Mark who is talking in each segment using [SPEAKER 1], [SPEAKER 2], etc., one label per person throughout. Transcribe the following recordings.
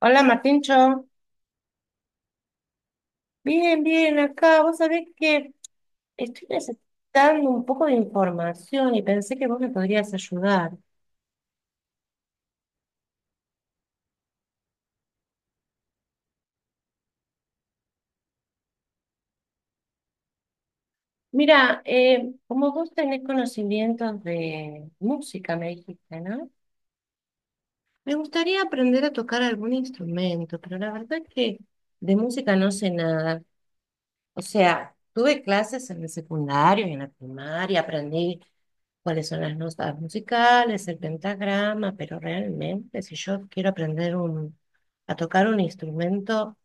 [SPEAKER 1] Hola, Martincho. Bien, bien, acá. Vos sabés que estoy necesitando un poco de información y pensé que vos me podrías ayudar. Mira, como vos tenés conocimientos de música, me dijiste, ¿no? Me gustaría aprender a tocar algún instrumento, pero la verdad es que de música no sé nada. O sea, tuve clases en el secundario y en la primaria, aprendí cuáles son las notas musicales, el pentagrama, pero realmente si yo quiero aprender a tocar un instrumento,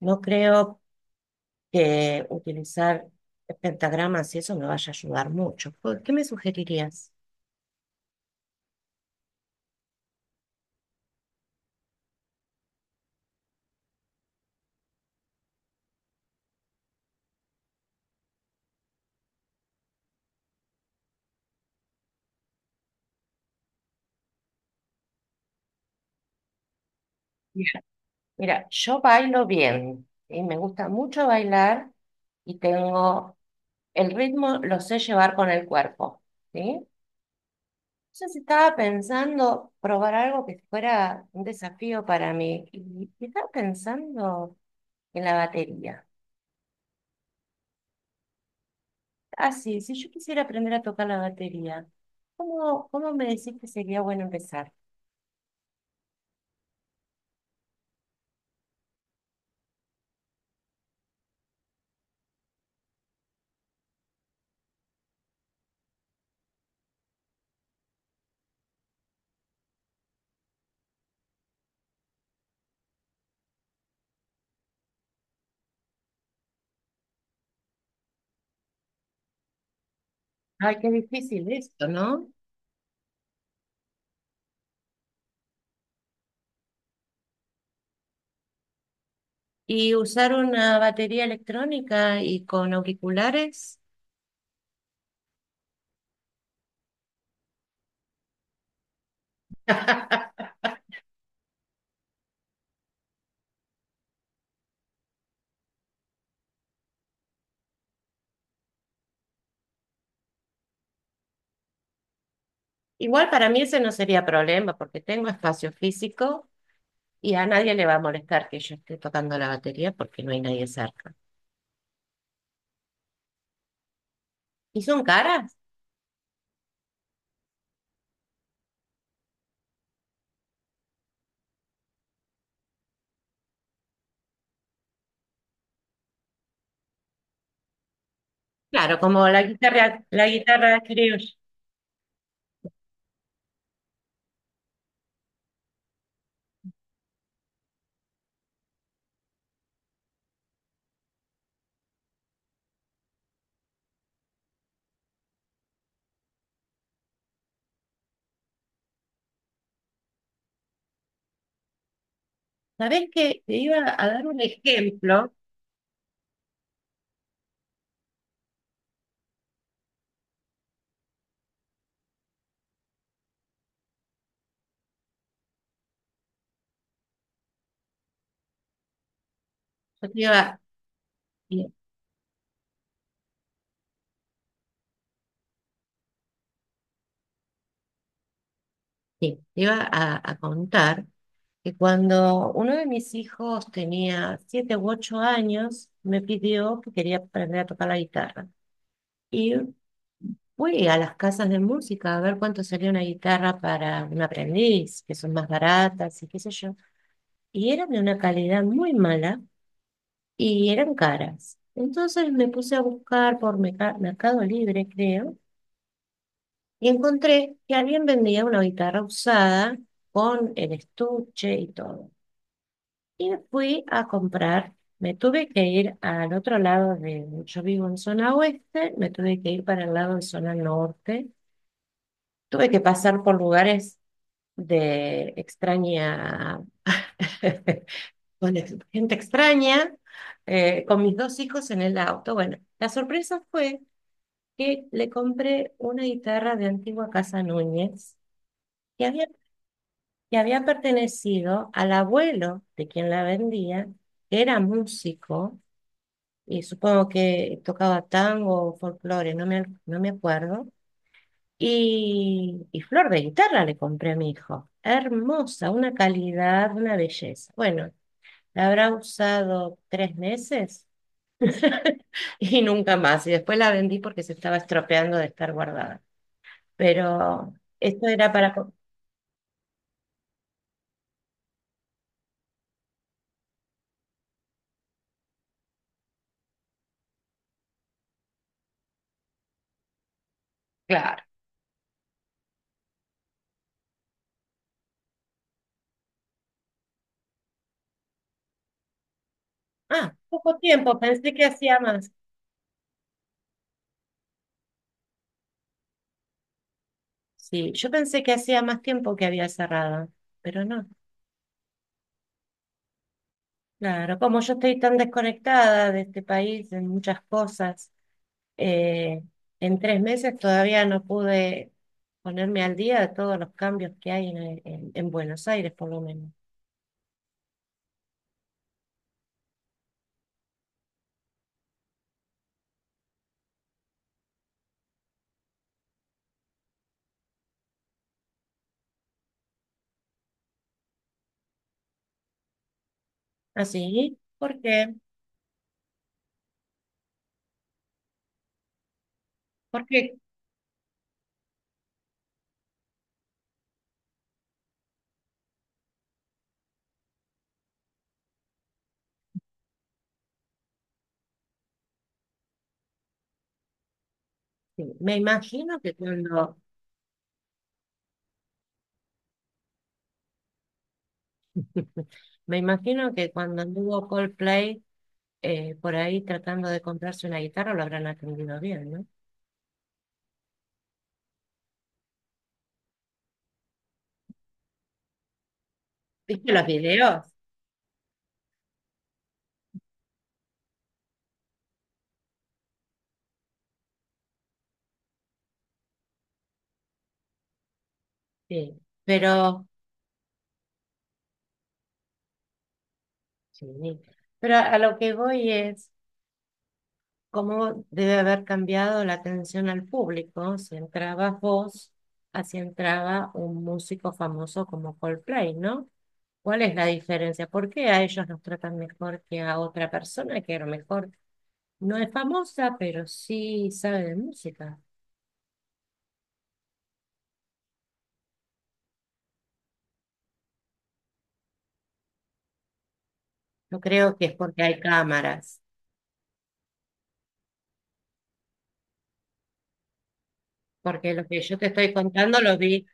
[SPEAKER 1] no creo que utilizar pentagramas y eso me vaya a ayudar mucho. ¿Por ¿Qué me sugerirías? Mira, Mira, yo bailo bien y me gusta mucho bailar y tengo el ritmo, lo sé llevar con el cuerpo, ¿sí? Yo sí estaba pensando probar algo que fuera un desafío para mí y estaba pensando en la batería. Ah, sí, si yo quisiera aprender a tocar la batería, ¿cómo me decís que sería bueno empezar? Ay, qué difícil esto, ¿no? Y usar una batería electrónica y con auriculares. Igual para mí ese no sería problema porque tengo espacio físico y a nadie le va a molestar que yo esté tocando la batería porque no hay nadie cerca. ¿Y son caras? Claro, como la guitarra criolla. ¿Sabés qué? Te iba a dar un ejemplo. Yo te iba, sí, te iba a contar que cuando uno de mis hijos tenía 7 u 8 años, me pidió que quería aprender a tocar la guitarra. Y fui a las casas de música a ver cuánto salía una guitarra para un aprendiz, que son más baratas y qué sé yo. Y eran de una calidad muy mala y eran caras. Entonces me puse a buscar por Mercado Libre, creo, y encontré que alguien vendía una guitarra usada con el estuche y todo. Y me fui a comprar. Me tuve que ir al otro lado de, yo vivo en zona oeste, me tuve que ir para el lado de zona norte. Tuve que pasar por lugares de extraña, con gente extraña, con mis dos hijos en el auto. Bueno, la sorpresa fue que le compré una guitarra de antigua Casa Núñez que había, que había pertenecido al abuelo de quien la vendía, que era músico y supongo que tocaba tango o folclore, no me acuerdo. Y flor de guitarra le compré a mi hijo. Hermosa, una calidad, una belleza. Bueno, la habrá usado 3 meses y nunca más. Y después la vendí porque se estaba estropeando de estar guardada. Pero esto era para. Claro. Ah, poco tiempo, pensé que hacía más. Sí, yo pensé que hacía más tiempo que había cerrado, pero no. Claro, como yo estoy tan desconectada de este país en muchas cosas, eh, en 3 meses todavía no pude ponerme al día de todos los cambios que hay en Buenos Aires, por lo menos. ¿Así? ¿Por qué? Porque sí. Me imagino que cuando anduvo Coldplay por ahí tratando de comprarse una guitarra lo habrán atendido bien, ¿no? ¿Viste los videos? Sí, pero, sí, pero a lo que voy es cómo debe haber cambiado la atención al público si entraba vos, así entraba un músico famoso como Coldplay, ¿no? ¿Cuál es la diferencia? ¿Por qué a ellos nos tratan mejor que a otra persona que a lo mejor no es famosa, pero sí sabe de música? Yo creo que es porque hay cámaras. Porque lo que yo te estoy contando lo vi.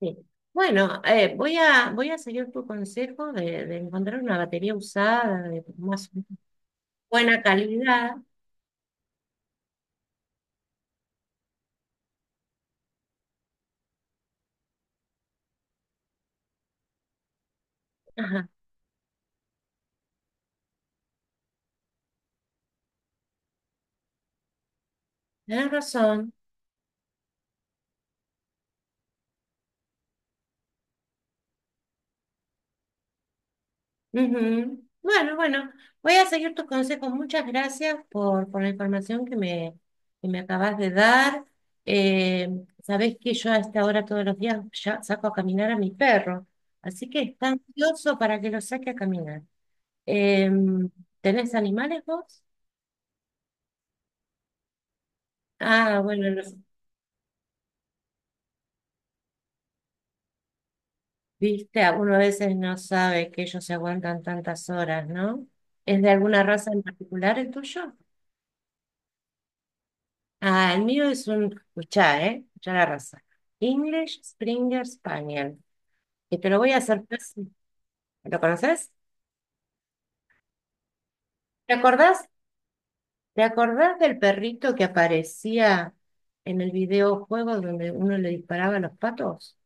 [SPEAKER 1] Sí. Bueno, voy a seguir tu consejo de encontrar una batería usada de más buena calidad. Ajá, tenés razón. Ujú. Bueno, bueno, voy a seguir tus consejos. Muchas gracias por la información que me acabas de dar. Eh, Sabés que yo a esta hora todos los días ya saco a caminar a mi perro, así que está ansioso para que lo saque a caminar. Em, ¿Tenés animales vos? Ah, bueno, no- viste, a- uno a veces no sabe que ellos se aguantan tantas horas, ¿no? ¿Es de alguna raza en particular el tuyo? Ah, el mío es escuchá, ¿eh? Escuchá la raza. English Springer Spaniel. Que te lo voy a hacer fácil. ¿Lo conoces? ¿Te acordás? ¿Te acordás del perrito que aparecía en el videojuego donde uno le disparaba a los patos?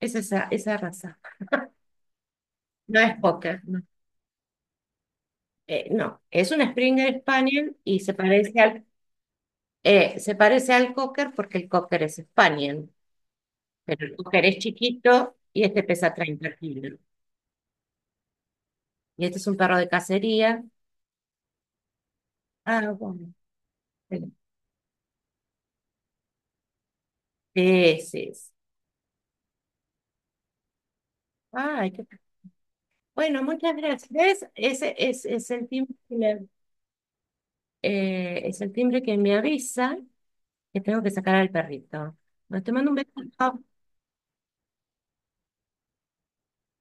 [SPEAKER 1] Es esa raza. No es poker, no. No, es un Springer Spaniel y se parece al cocker porque el cocker es Spaniel, pero el cocker es chiquito y este pesa 30 kilos. Y este es un perro de cacería. Ah, bueno. Sí, ese es. Ay, qué- Bueno, muchas gracias. ¿Ves? Ese es el timbre es el timbre que me avisa que tengo que sacar al perrito. Bueno, te mando un beso.